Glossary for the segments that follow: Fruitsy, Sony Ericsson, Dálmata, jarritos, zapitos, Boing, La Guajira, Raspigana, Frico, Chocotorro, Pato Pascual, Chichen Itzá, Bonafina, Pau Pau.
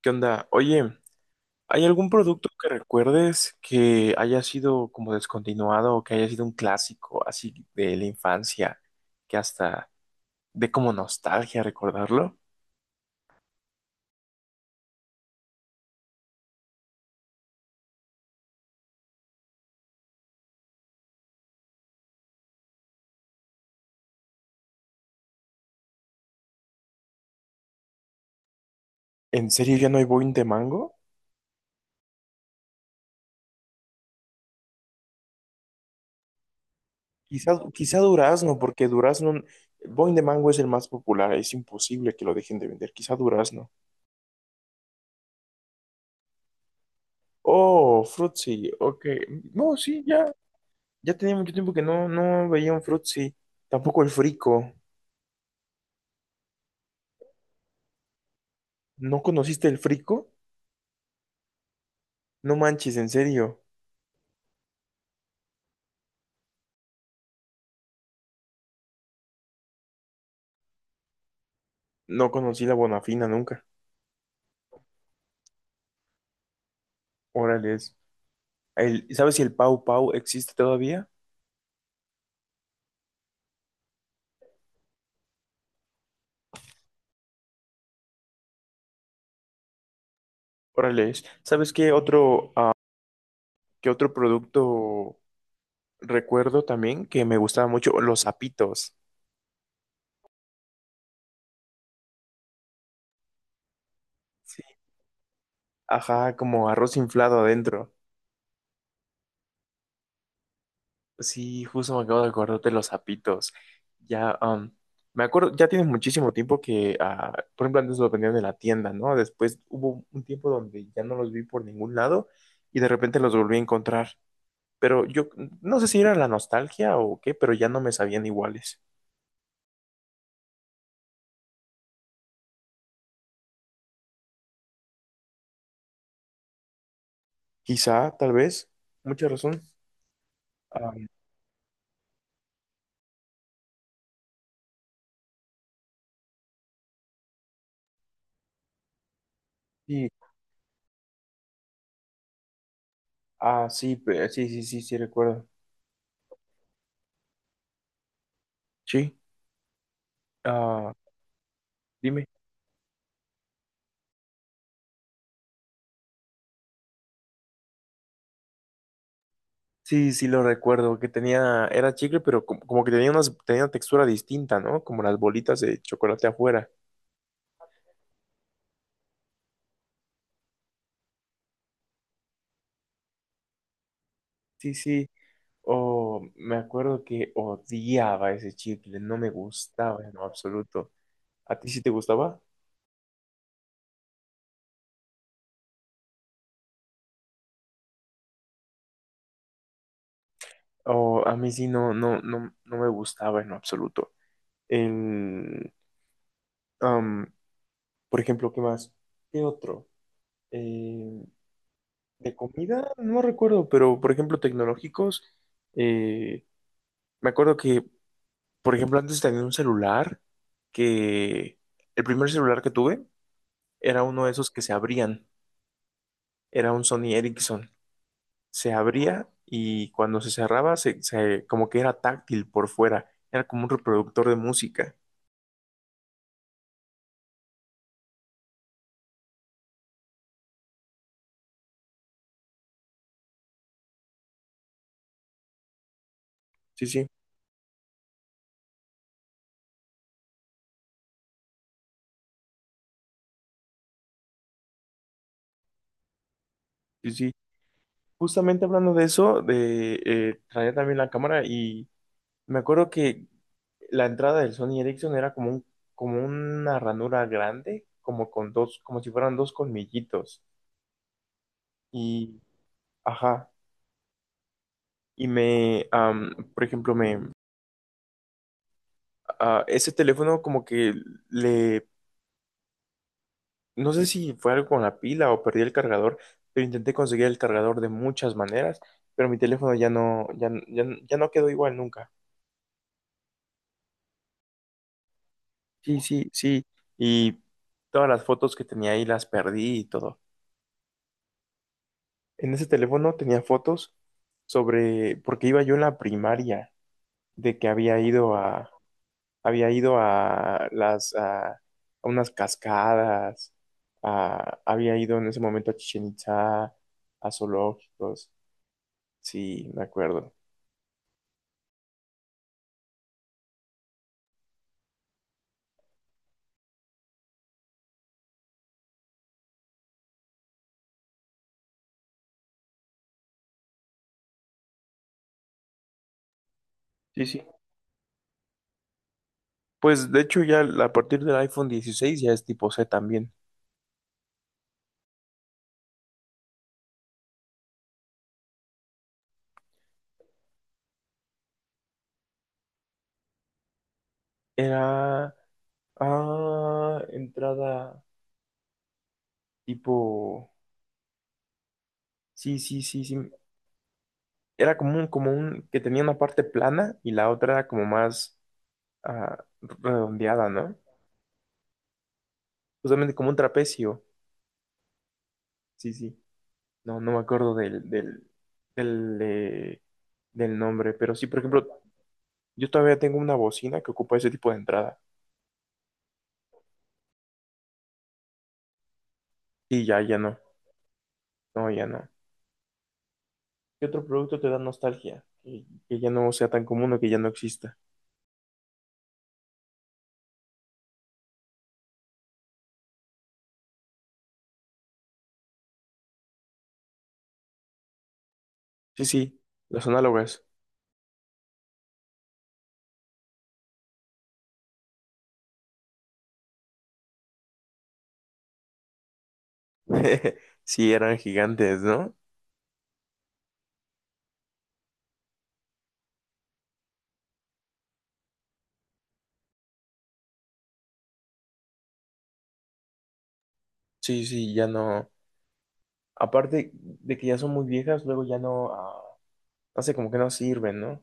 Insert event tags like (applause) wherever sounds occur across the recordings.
¿Qué onda? Oye, ¿hay algún producto que recuerdes que haya sido como descontinuado o que haya sido un clásico así de la infancia que hasta de como nostalgia recordarlo? ¿En serio ya no hay Boing de mango? Quizá durazno, porque durazno, Boing de mango es el más popular, es imposible que lo dejen de vender, quizá durazno. Oh, Fruitsy, ok. No, sí, ya, ya tenía mucho tiempo que no veía un Fruitsy, tampoco el Frico. ¿No conociste el Frico? No manches, en serio. No conocí la Bonafina nunca. Órale. ¿Sabes si el Pau Pau existe todavía? Órale. ¿Sabes qué otro, qué otro producto recuerdo también que me gustaba mucho? Los zapitos. Sí. Ajá, como arroz inflado adentro. Sí, justo me acabo de acordar de los zapitos. Ya, me acuerdo, ya tiene muchísimo tiempo que, por ejemplo, antes los vendían en la tienda, ¿no? Después hubo un tiempo donde ya no los vi por ningún lado y de repente los volví a encontrar. Pero yo no sé si era la nostalgia o qué, pero ya no me sabían iguales. Quizá, tal vez, mucha razón. Ah, sí, ah, sí, sí, sí, sí, sí, recuerdo. Sí, ah, dime. Sí, sí, lo recuerdo, que tenía, era chicle, pero como, como que tenía, unas, tenía una textura distinta, ¿no? Como las bolitas de chocolate afuera. Sí, sí. O me acuerdo que odiaba ese chicle, no me gustaba en lo absoluto. ¿A ti sí te gustaba? O a mí sí no, no, no, no me gustaba en lo absoluto. El, am, por ejemplo, ¿qué más? ¿Qué otro? Eh, de comida, no recuerdo, pero por ejemplo, tecnológicos. eh, me acuerdo que, por ejemplo, antes tenía un celular que el primer celular que tuve era uno de esos que se abrían. Era un Sony Ericsson. Se abría y cuando se cerraba, como que era táctil por fuera. Era como un reproductor de música. Sí, sí, sí, sí. Justamente hablando de eso, de traía también la cámara y me acuerdo que la entrada del Sony Ericsson era como un, como una ranura grande, como con dos, como si fueran dos colmillitos. Y, ajá, y por ejemplo, a ese teléfono como que le, no sé si fue algo con la pila o perdí el cargador, pero intenté conseguir el cargador de muchas maneras, pero mi teléfono ya no, ya no quedó igual nunca. Sí, sí, sí. Y todas las fotos que tenía ahí las perdí y todo. En ese teléfono tenía fotos sobre, porque iba yo en la primaria, de que había ido a las, a unas cascadas, había ido en ese momento a Chichen Itzá, a zoológicos. Sí, me acuerdo. Sí, sí. Pues de hecho ya a partir del iPhone 16 ya es tipo C también. Era, entrada. Tipo, sí, sí, sí, sí. Era como un, que tenía una parte plana y la otra era como más redondeada, ¿no? Justamente como un trapecio. Sí, sí. No, no me acuerdo del, eh, del nombre. Pero sí, por ejemplo, yo todavía tengo una bocina que ocupa ese tipo de entrada. Y ya, ya no. No, ya no. ¿Qué otro producto te da nostalgia? Que ya no sea tan común o que ya no exista. Sí, sí, los análogas. (laughs) Sí, eran gigantes, ¿no? Sí, sí, ya no. Aparte de que ya son muy viejas, luego ya no, no sé, como que no sirven, ¿no?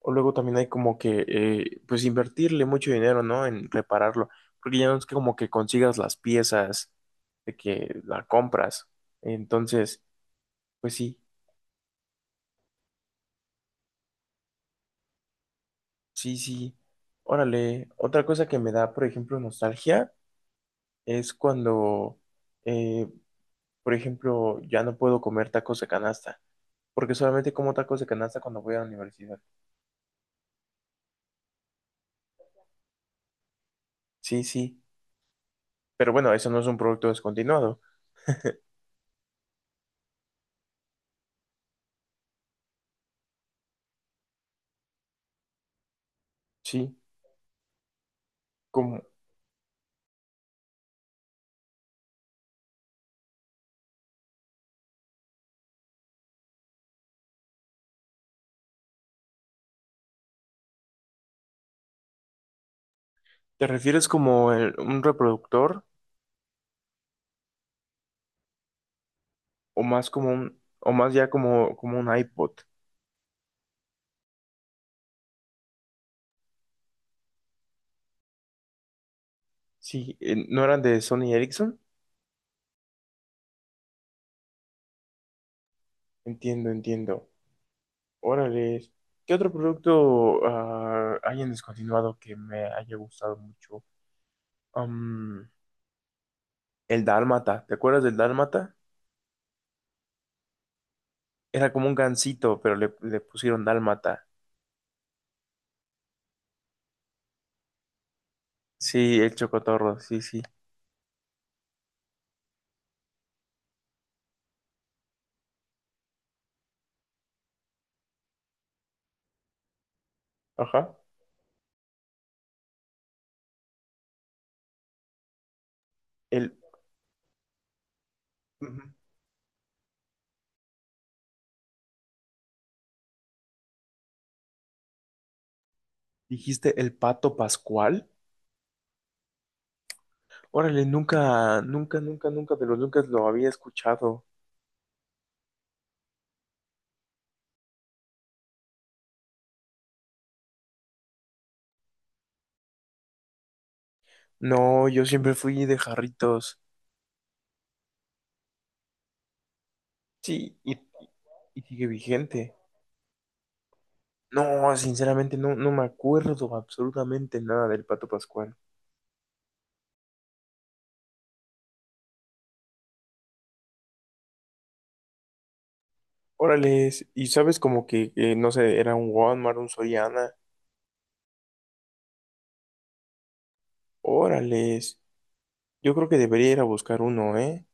O luego también hay como que, pues invertirle mucho dinero, ¿no? En repararlo, porque ya no es como que consigas las piezas, de que la compras. Entonces, pues sí, sí, sí. Órale, otra cosa que me da, por ejemplo, nostalgia es cuando, eh, por ejemplo, ya no puedo comer tacos de canasta, porque solamente como tacos de canasta cuando voy a la universidad. Sí, sí. Pero bueno, eso no es un producto descontinuado. Sí, como ¿te refieres como un reproductor o más como un o más ya como como un iPod? Sí, ¿no eran de Sony Ericsson? Entiendo, entiendo. Órale. ¿Qué otro producto hay en descontinuado que me haya gustado mucho? Am, el Dálmata. ¿Te acuerdas del Dálmata? Era como un gansito, pero le pusieron Dálmata. Sí, el Chocotorro, sí, sí. Ajá. El, Dijiste el pato Pascual. Órale, nunca, nunca, nunca, nunca de los nunca lo había escuchado. No, yo siempre fui de jarritos. Sí, y sigue vigente. No, sinceramente no, no me acuerdo absolutamente nada del pato Pascual. Órales, y sabes como que, no sé, era un Walmart, un Soriana. Órales, yo creo que debería ir a buscar uno, ¿eh?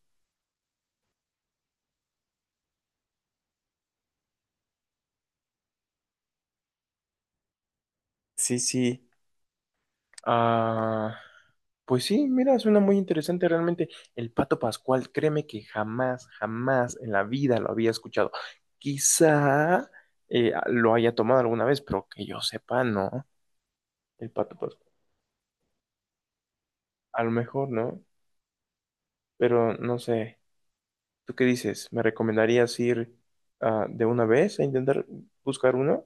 Sí, sí. Ah, pues sí, mira, suena muy interesante realmente. El Pato Pascual, créeme que jamás, jamás en la vida lo había escuchado. Quizá lo haya tomado alguna vez, pero que yo sepa, no. El Pato Pascual. A lo mejor, ¿no? Pero no sé. ¿Tú qué dices? ¿Me recomendarías ir de una vez a intentar buscar uno?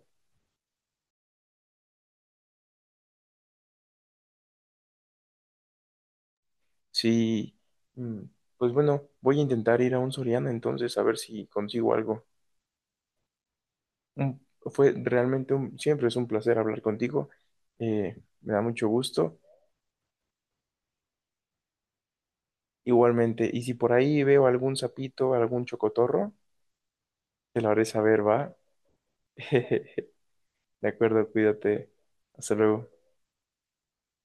Sí. Mm, pues bueno, voy a intentar ir a un Soriana entonces a ver si consigo algo. Fue realmente un, siempre es un placer hablar contigo. Me da mucho gusto. Igualmente, y si por ahí veo algún sapito, algún chocotorro, te lo haré saber, ¿va? (laughs) De acuerdo, cuídate. Hasta luego.